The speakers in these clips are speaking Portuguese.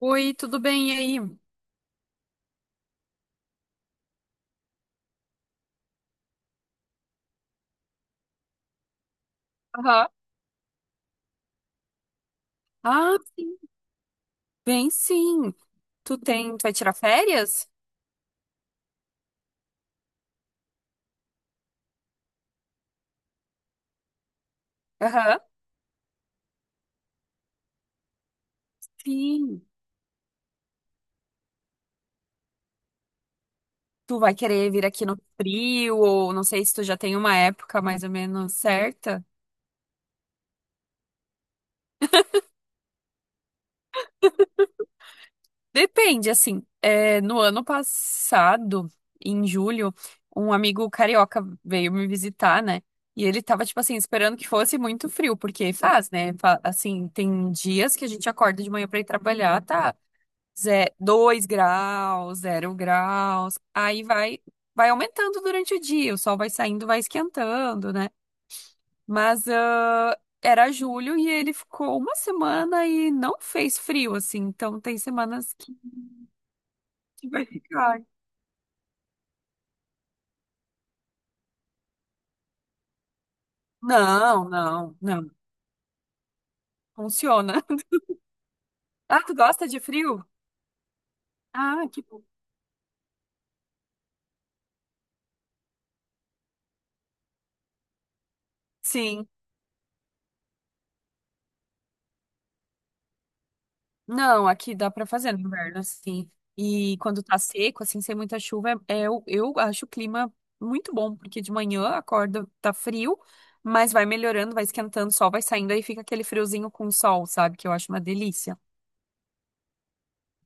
Oi, tudo bem e aí? Aham. Ah, sim, bem sim. Tu vai tirar férias? Aham. Sim. Tu vai querer vir aqui no frio, ou não sei se tu já tem uma época mais ou menos certa. Depende, assim. É, no ano passado, em julho, um amigo carioca veio me visitar, né? E ele tava, tipo assim, esperando que fosse muito frio, porque faz, né? Assim, tem dias que a gente acorda de manhã pra ir trabalhar, tá. 2 graus, 0 graus. Aí vai, aumentando durante o dia, o sol vai saindo, vai esquentando, né? Mas era julho e ele ficou uma semana e não fez frio, assim. Então tem semanas que vai ficar. Não, não, não. Funciona. Ah, tu gosta de frio? Ah, que bom. Sim. Não, aqui dá pra fazer no inverno, assim. E quando tá seco, assim, sem muita chuva, eu acho o clima muito bom, porque de manhã acorda, tá frio, mas vai melhorando, vai esquentando, o sol vai saindo, aí fica aquele friozinho com sol, sabe? Que eu acho uma delícia.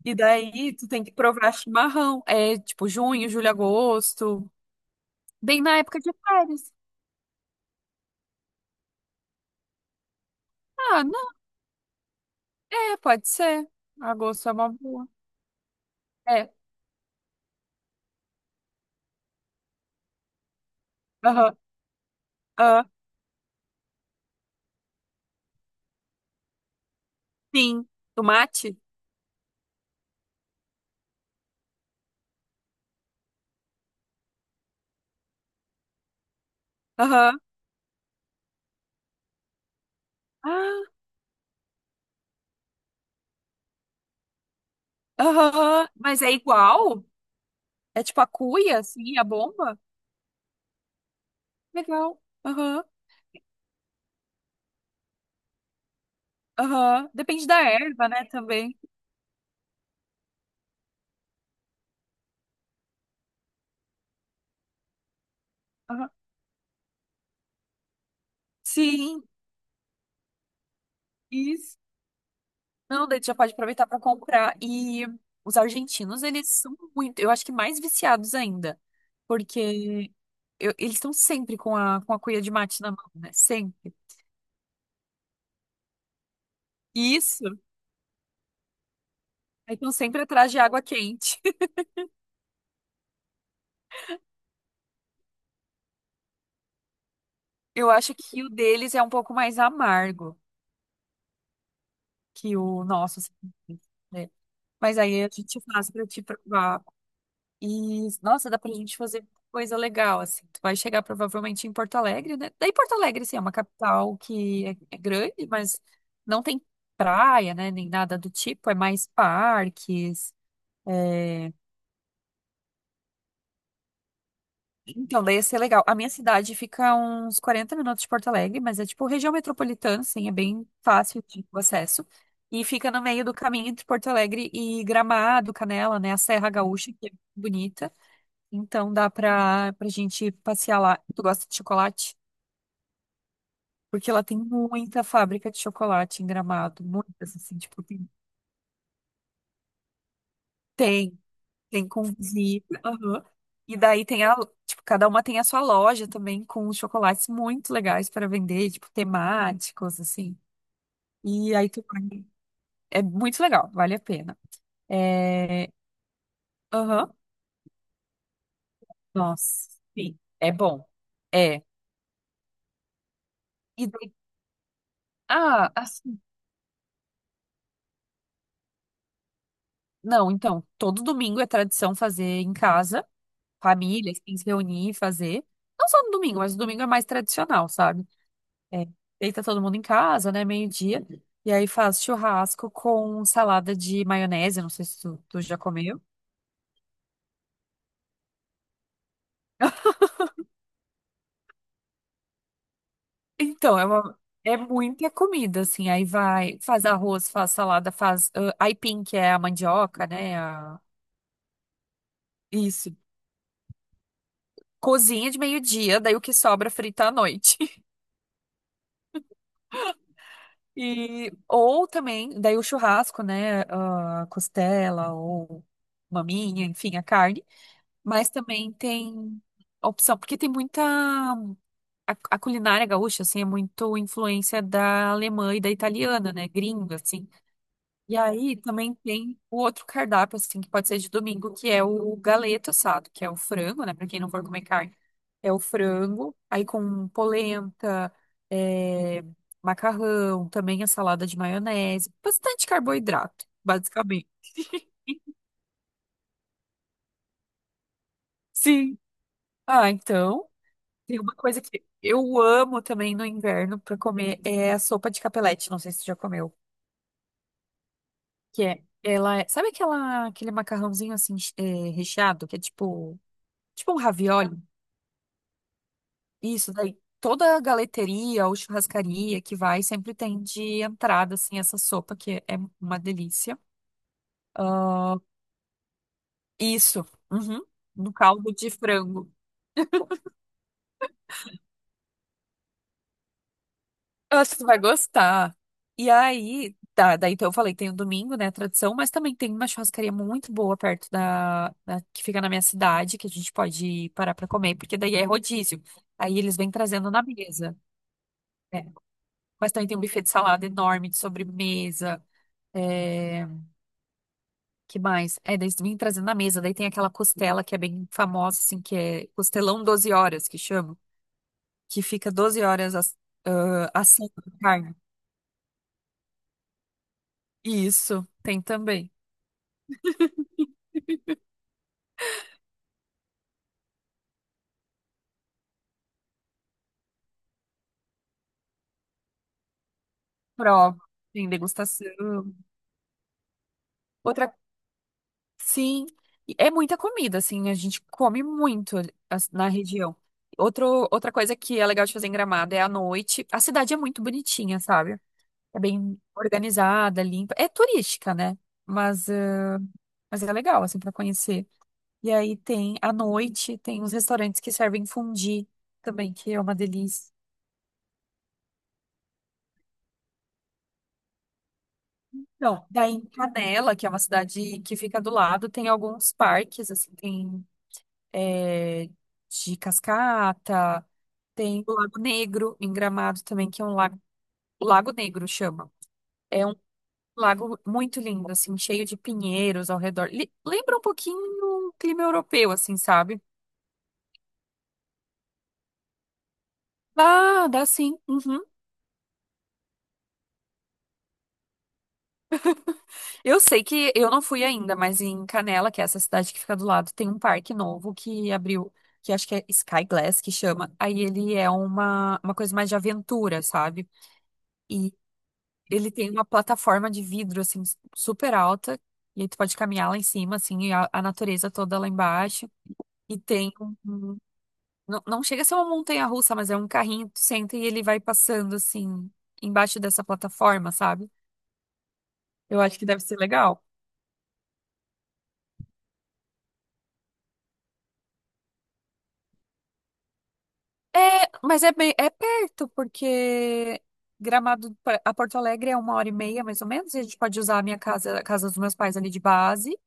E daí tu tem que provar chimarrão. É tipo junho, julho, agosto. Bem na época de férias. Ah, não. É, pode ser. Agosto é uma boa. É. Aham. ah, Sim. Tomate? Aham. Ah, Aham, mas é igual? É tipo a cuia, assim, a bomba? Legal. Aham, aham. Depende da erva, né, também. Aham. Sim, isso. Não, daí tu já pode aproveitar para comprar. E os argentinos, eles são muito, eu acho que mais viciados ainda. Porque eles estão sempre com a, cuia de mate na mão, né? Sempre. Isso. Aí estão sempre atrás de água quente. Eu acho que o deles é um pouco mais amargo que o nosso, assim, né? Mas aí a gente faz pra te provar. E, nossa, dá pra gente fazer coisa legal, assim. Tu vai chegar provavelmente em Porto Alegre, né? Daí Porto Alegre, assim, é uma capital que é grande, mas não tem praia, né? Nem nada do tipo, é mais parques. É. Então, daí ia ser legal. A minha cidade fica a uns 40 minutos de Porto Alegre, mas é tipo região metropolitana, assim, é bem fácil de o acesso. E fica no meio do caminho entre Porto Alegre e Gramado, Canela, né? A Serra Gaúcha, que é bonita. Então dá pra gente passear lá. Tu gosta de chocolate? Porque lá tem muita fábrica de chocolate em Gramado. Muitas, assim, tipo, tem, tem com visita. Aham. E daí tem a, tipo, cada uma tem a sua loja também com chocolates muito legais para vender, tipo, temáticos, assim. E aí tu vai- É muito legal, vale a pena. É... Aham. Nossa, sim, é bom. É. E daí... Ah, assim. Não, então, todo domingo é tradição fazer em casa. Família, assim, se reunir e fazer. Não só no domingo, mas o domingo é mais tradicional, sabe? É, deita todo mundo em casa, né? Meio-dia. E aí faz churrasco com salada de maionese. Não sei se tu já comeu. Então, é uma. É muita comida, assim. Aí vai, faz arroz, faz salada, faz aipim, que é a mandioca, né? Isso. Cozinha de meio-dia, daí o que sobra é frita à noite. E, ou também, daí o churrasco, né? A costela ou maminha, enfim, a carne. Mas também tem a opção, porque tem muita. A culinária gaúcha, assim, é muito influência da alemã e da italiana, né? Gringa, assim. E aí também tem o outro cardápio, assim, que pode ser de domingo, que é o galeto assado, que é o frango, né? Pra quem não for comer carne, é o frango, aí com polenta, é, macarrão, também a salada de maionese, bastante carboidrato, basicamente. Sim. Ah, então, tem uma coisa que eu amo também no inverno pra comer, é a sopa de capelete, não sei se você já comeu, ela é, sabe aquela, aquele macarrãozinho assim, recheado, que é tipo um ravioli? Isso, daí toda a galeteria ou churrascaria que vai sempre tem de entrada, assim, essa sopa que é uma delícia. Ah, isso, uhum, no caldo de frango. Eu acho que tu vai gostar. E aí, tá, daí então eu falei, tem o domingo, né, tradição, mas também tem uma churrascaria muito boa perto que fica na minha cidade, que a gente pode parar pra comer, porque daí é rodízio. Aí eles vêm trazendo na mesa, né? Mas também tem um buffet de salada enorme, de sobremesa. eh, Que mais? É, daí vim trazer na mesa. Daí tem aquela costela que é bem famosa, assim, que é costelão 12 horas, que chama. Que fica 12 horas assando a carne. Isso, tem também. Prova, tem degustação. Outra, sim. É muita comida, assim, a gente come muito na região. Outra coisa que é legal de fazer em Gramado é à noite. A cidade é muito bonitinha, sabe? É bem organizada, limpa. É turística, né? Mas, ah, mas é legal, assim, pra conhecer. E aí tem, à noite, tem uns restaurantes que servem fondue também, que é uma delícia. Não, daí em Canela, que é uma cidade que fica do lado, tem alguns parques, assim, tem é, de cascata, tem o Lago Negro em Gramado também, que é um lago, o Lago Negro chama. É um lago muito lindo, assim, cheio de pinheiros ao redor. Lembra um pouquinho o clima europeu, assim, sabe? Ah, dá sim. Uhum. Eu sei que eu não fui ainda, mas em Canela, que é essa cidade que fica do lado, tem um parque novo que abriu, que acho que é Sky Glass que chama. Aí ele é uma, coisa mais de aventura, sabe? E ele tem uma plataforma de vidro, assim, super alta. E aí tu pode caminhar lá em cima, assim, e a natureza toda lá embaixo. E tem não, não chega a ser uma montanha-russa, mas é um carrinho que tu senta e ele vai passando, assim, embaixo dessa plataforma, sabe? Eu acho que deve ser legal. É, mas é perto, porque Gramado a Porto Alegre é 1 hora e meia, mais ou menos, e a gente pode usar a minha casa, a casa dos meus pais ali de base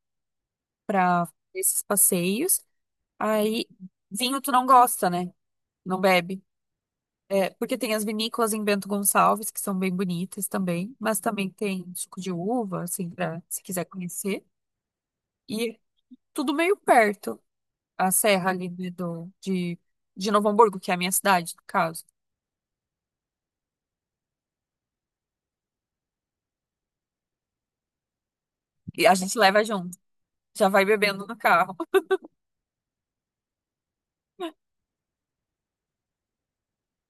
para esses passeios. Aí, vinho tu não gosta, né? Não bebe. É, porque tem as vinícolas em Bento Gonçalves, que são bem bonitas também, mas também tem suco de uva, assim, pra, se quiser conhecer. E tudo meio perto, a serra ali de Novo Hamburgo, que é a minha cidade, no caso. E a gente leva junto. Já vai bebendo no carro.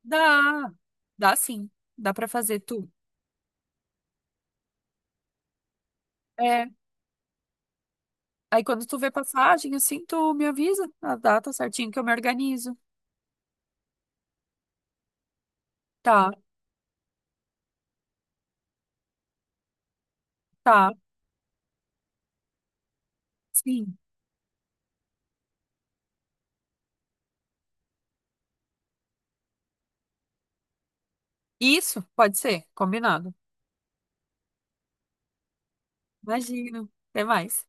Dá, dá sim. Dá pra fazer tu. É. Aí quando tu vê passagem, assim, tu me avisa a data certinho que eu me organizo. Tá, tá, sim. Isso, pode ser, combinado. Imagino. Até mais.